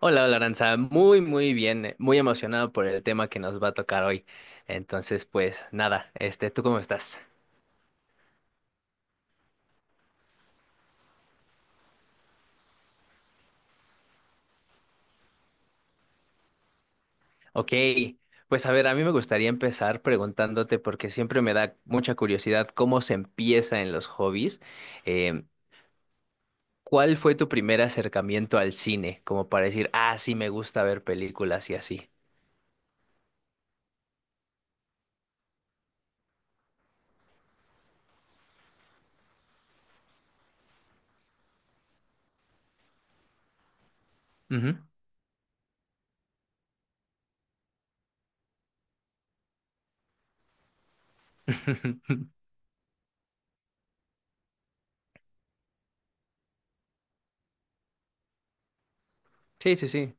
Hola, hola Aranza, muy bien, muy emocionado por el tema que nos va a tocar hoy. Entonces, pues nada, ¿tú cómo estás? Ok, pues a ver, a mí me gustaría empezar preguntándote porque siempre me da mucha curiosidad cómo se empieza en los hobbies. Em, ¿Cuál fue tu primer acercamiento al cine? Como para decir, ah, sí me gusta ver películas y así. Ujú. Sí, sí, sí.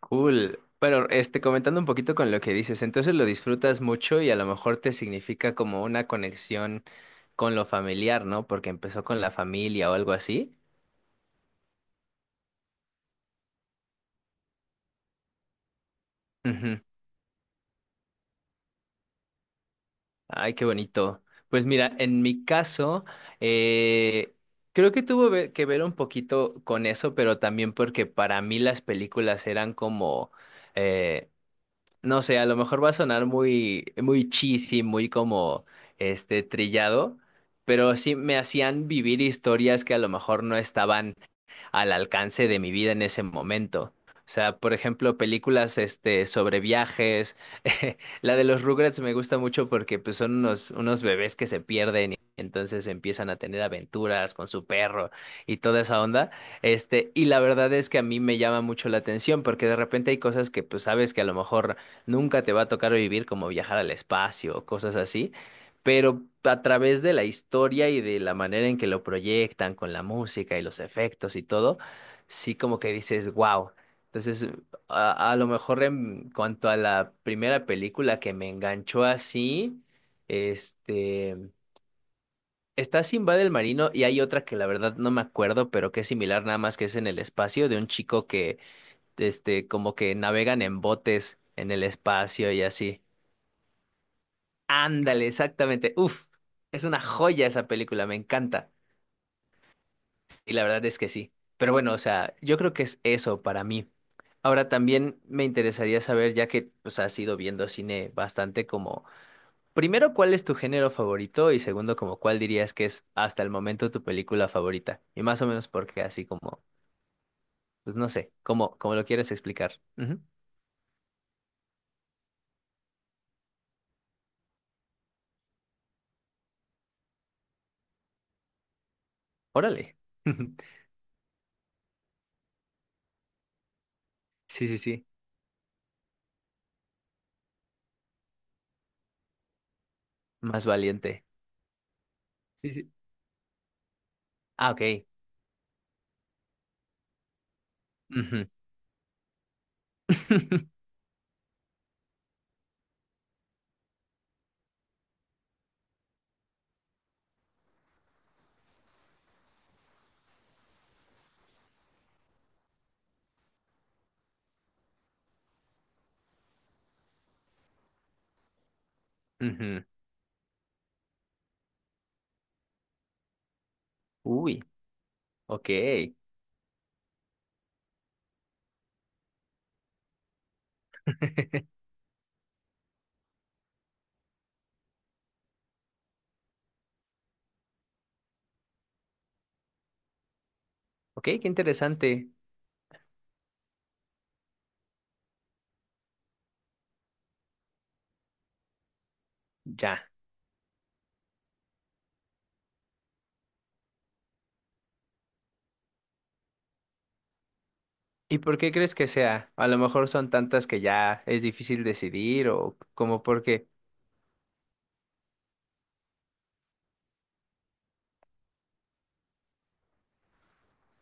Cool. Pero comentando un poquito con lo que dices, entonces lo disfrutas mucho y a lo mejor te significa como una conexión con lo familiar, ¿no? Porque empezó con la familia o algo así. Ujú. Ay, qué bonito. Pues mira, en mi caso, eh, creo que que ver un poquito con eso, pero también porque para mí las películas eran como, eh, no sé, a lo mejor va a sonar muy cheesy, muy como trillado, pero sí me hacían vivir historias que a lo mejor no estaban al alcance de mi vida en ese momento. O sea, por ejemplo, películas sobre viajes. La de los Rugrats me gusta mucho porque pues, son unos bebés que se pierden y entonces empiezan a tener aventuras con su perro y toda esa onda. Y la verdad es que a mí me llama mucho la atención porque de repente hay cosas que pues sabes que a lo mejor nunca te va a tocar vivir, como viajar al espacio o cosas así, pero a través de la historia y de la manera en que lo proyectan con la música y los efectos y todo, sí como que dices, wow. Entonces, a lo mejor en cuanto a la primera película que me enganchó así, este, está Simba del Marino y hay otra que la verdad no me acuerdo, pero que es similar nada más que es en el espacio de un chico que, como que navegan en botes en el espacio y así. Ándale, exactamente. Uf, es una joya esa película, me encanta. Y la verdad es que sí. Pero bueno, o sea, yo creo que es eso para mí. Ahora también me interesaría saber, ya que pues has ido viendo cine bastante como, primero, ¿cuál es tu género favorito? Y segundo, como, ¿cuál dirías que es hasta el momento tu película favorita? Y más o menos porque así como, pues no sé, como lo quieres explicar. Ujú. Órale. Sí, sí, sí. Más valiente. Sí, sí. Ah, ok. Ujú. Ujú. Uy, ok. Ok, qué interesante. Ya. ¿Y por qué crees que sea? A lo mejor son tantas que ya es difícil decidir o como porque.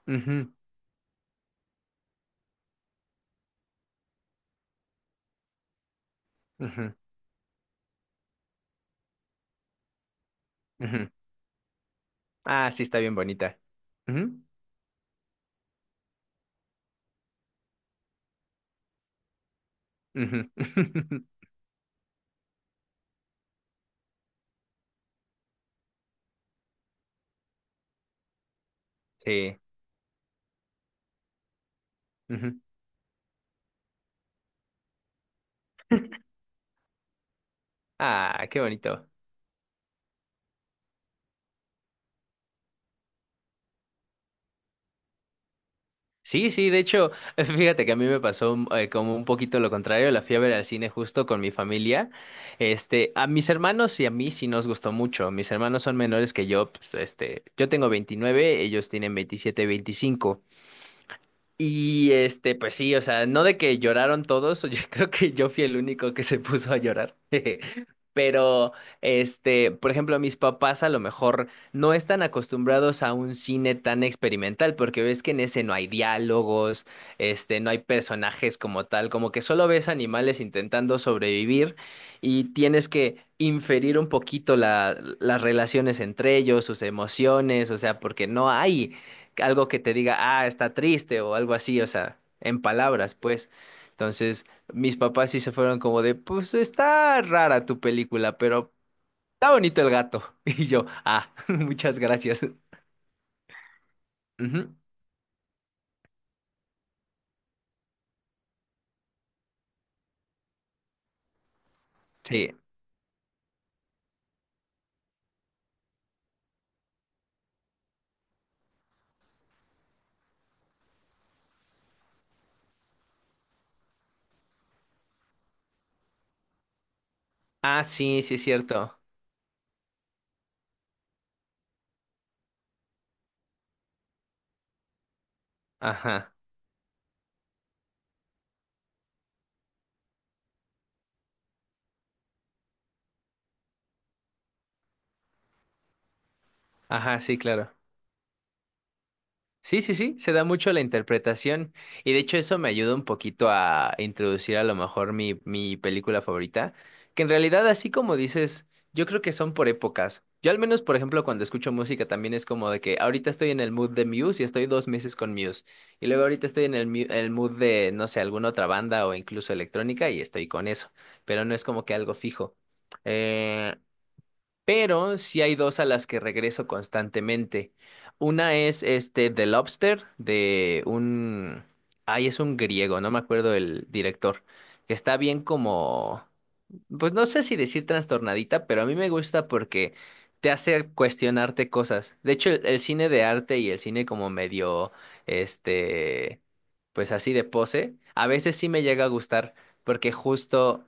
Ujú, ujú, ujú. Ah, sí, está bien bonita. Ujú, ujú. Sí. Ujú. Ah, qué bonito. Sí, sí, de hecho, fíjate que a mí me pasó como un poquito lo contrario, la fui a ver al cine justo con mi familia. A mis hermanos y a mí sí nos gustó mucho. Mis hermanos son menores que yo, pues, yo tengo 29, ellos tienen 27, 25. Y pues sí, o sea, no de que lloraron todos, yo creo que yo fui el único que se puso a llorar. Pero, por ejemplo, mis papás a lo mejor no están acostumbrados a un cine tan experimental, porque ves que en ese no hay diálogos, no hay personajes como tal, como que solo ves animales intentando sobrevivir y tienes que inferir un poquito las relaciones entre ellos, sus emociones, o sea, porque no hay algo que te diga, ah, está triste o algo así, o sea, en palabras, pues. Entonces, mis papás sí se fueron como de, pues está rara tu película, pero está bonito el gato. Y yo, ah, muchas gracias. Ujú. Sí. Ah, sí, sí es cierto. Ajá, ajá, sí, claro. Sí, sí, sí, se da mucho la interpretación y de hecho eso me ayuda un poquito a introducir a lo mejor mi película favorita, que en realidad así como dices, yo creo que son por épocas. Yo al menos, por ejemplo, cuando escucho música también es como de que ahorita estoy en el mood de Muse y estoy 2 meses con Muse y luego ahorita estoy en el, el mood de, no sé, alguna otra banda o incluso electrónica y estoy con eso, pero no es como que algo fijo. Eh, pero sí hay dos a las que regreso constantemente. Una es The Lobster de un... Ay, es un griego, no me acuerdo el director, que está bien como pues no sé si decir trastornadita, pero a mí me gusta porque te hace cuestionarte cosas. De hecho, el cine de arte y el cine como medio, este, pues así de pose, a veces sí me llega a gustar porque justo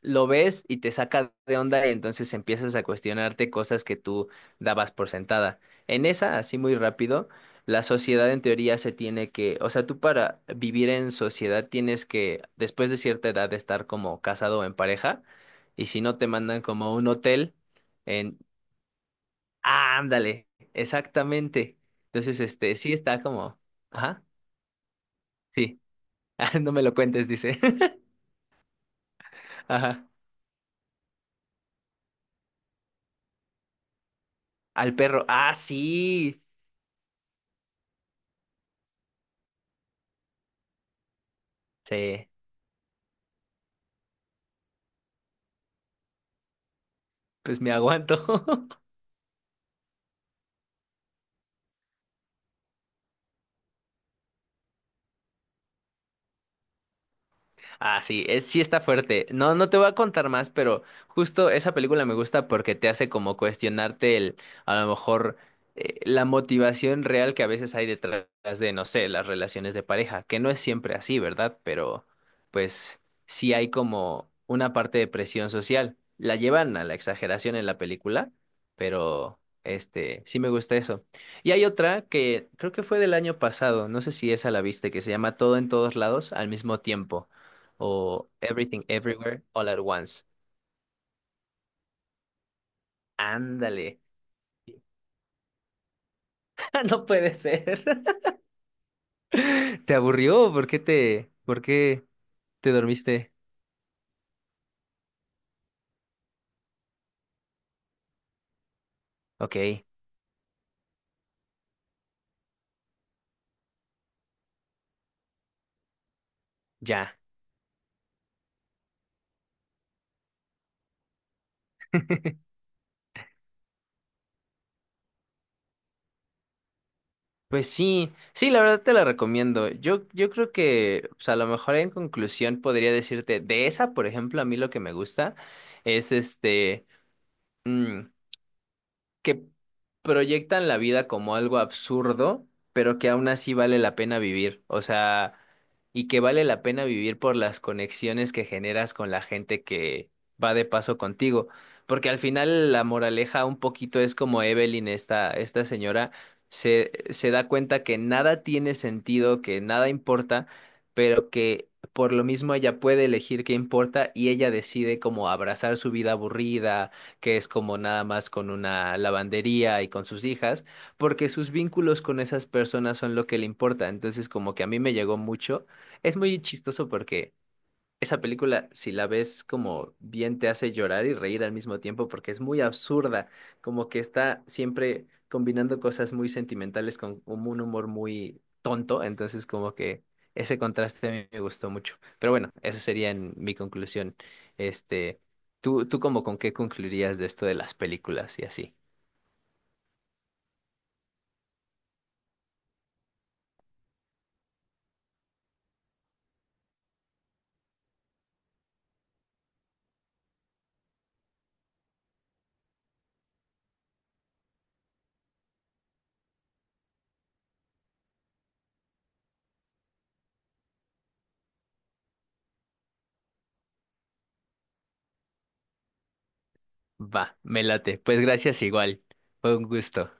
lo ves y te saca de onda y entonces empiezas a cuestionarte cosas que tú dabas por sentada. En esa, así muy rápido, la sociedad en teoría se tiene que, o sea, tú para vivir en sociedad tienes que, después de cierta edad, estar como casado o en pareja. Y si no, te mandan como a un hotel en... Ah, ándale, exactamente. Entonces, sí está como... Ajá, sí. Ah, no me lo cuentes, dice. Ajá. Al perro. Ah, sí. Sí, pues me aguanto. Ah, sí, es, sí está fuerte. No, no te voy a contar más, pero justo esa película me gusta porque te hace como cuestionarte el, a lo mejor, la motivación real que a veces hay detrás de, no sé, las relaciones de pareja, que no es siempre así, ¿verdad? Pero, pues, sí hay como una parte de presión social. La llevan a la exageración en la película, pero, sí me gusta eso. Y hay otra que creo que fue del año pasado, no sé si esa la viste, que se llama Todo en todos lados al mismo tiempo o Everything Everywhere All at Once. Ándale. No puede ser. ¿Te aburrió? ¿Por qué te dormiste? Ok, ya. Pues sí, sí, la verdad te la recomiendo. Yo creo que, pues a lo mejor en conclusión podría decirte, de esa, por ejemplo, a mí lo que me gusta es mm, que proyectan la vida como algo absurdo, pero que aún así vale la pena vivir. O sea, y que vale la pena vivir por las conexiones que generas con la gente que va de paso contigo. Porque al final la moraleja un poquito es como Evelyn, esta señora, se da cuenta que nada tiene sentido, que nada importa, pero que por lo mismo ella puede elegir qué importa y ella decide como abrazar su vida aburrida que es como nada más con una lavandería y con sus hijas, porque sus vínculos con esas personas son lo que le importa. Entonces, como que a mí me llegó mucho. Es muy chistoso porque esa película, si la ves como bien, te hace llorar y reír al mismo tiempo porque es muy absurda, como que está siempre combinando cosas muy sentimentales con un humor muy tonto, entonces como que ese contraste a mí me gustó mucho. Pero bueno, esa sería en mi conclusión. Este, ¿tú como con qué concluirías de esto de las películas y así? Va, me late. Pues gracias igual. Fue un gusto.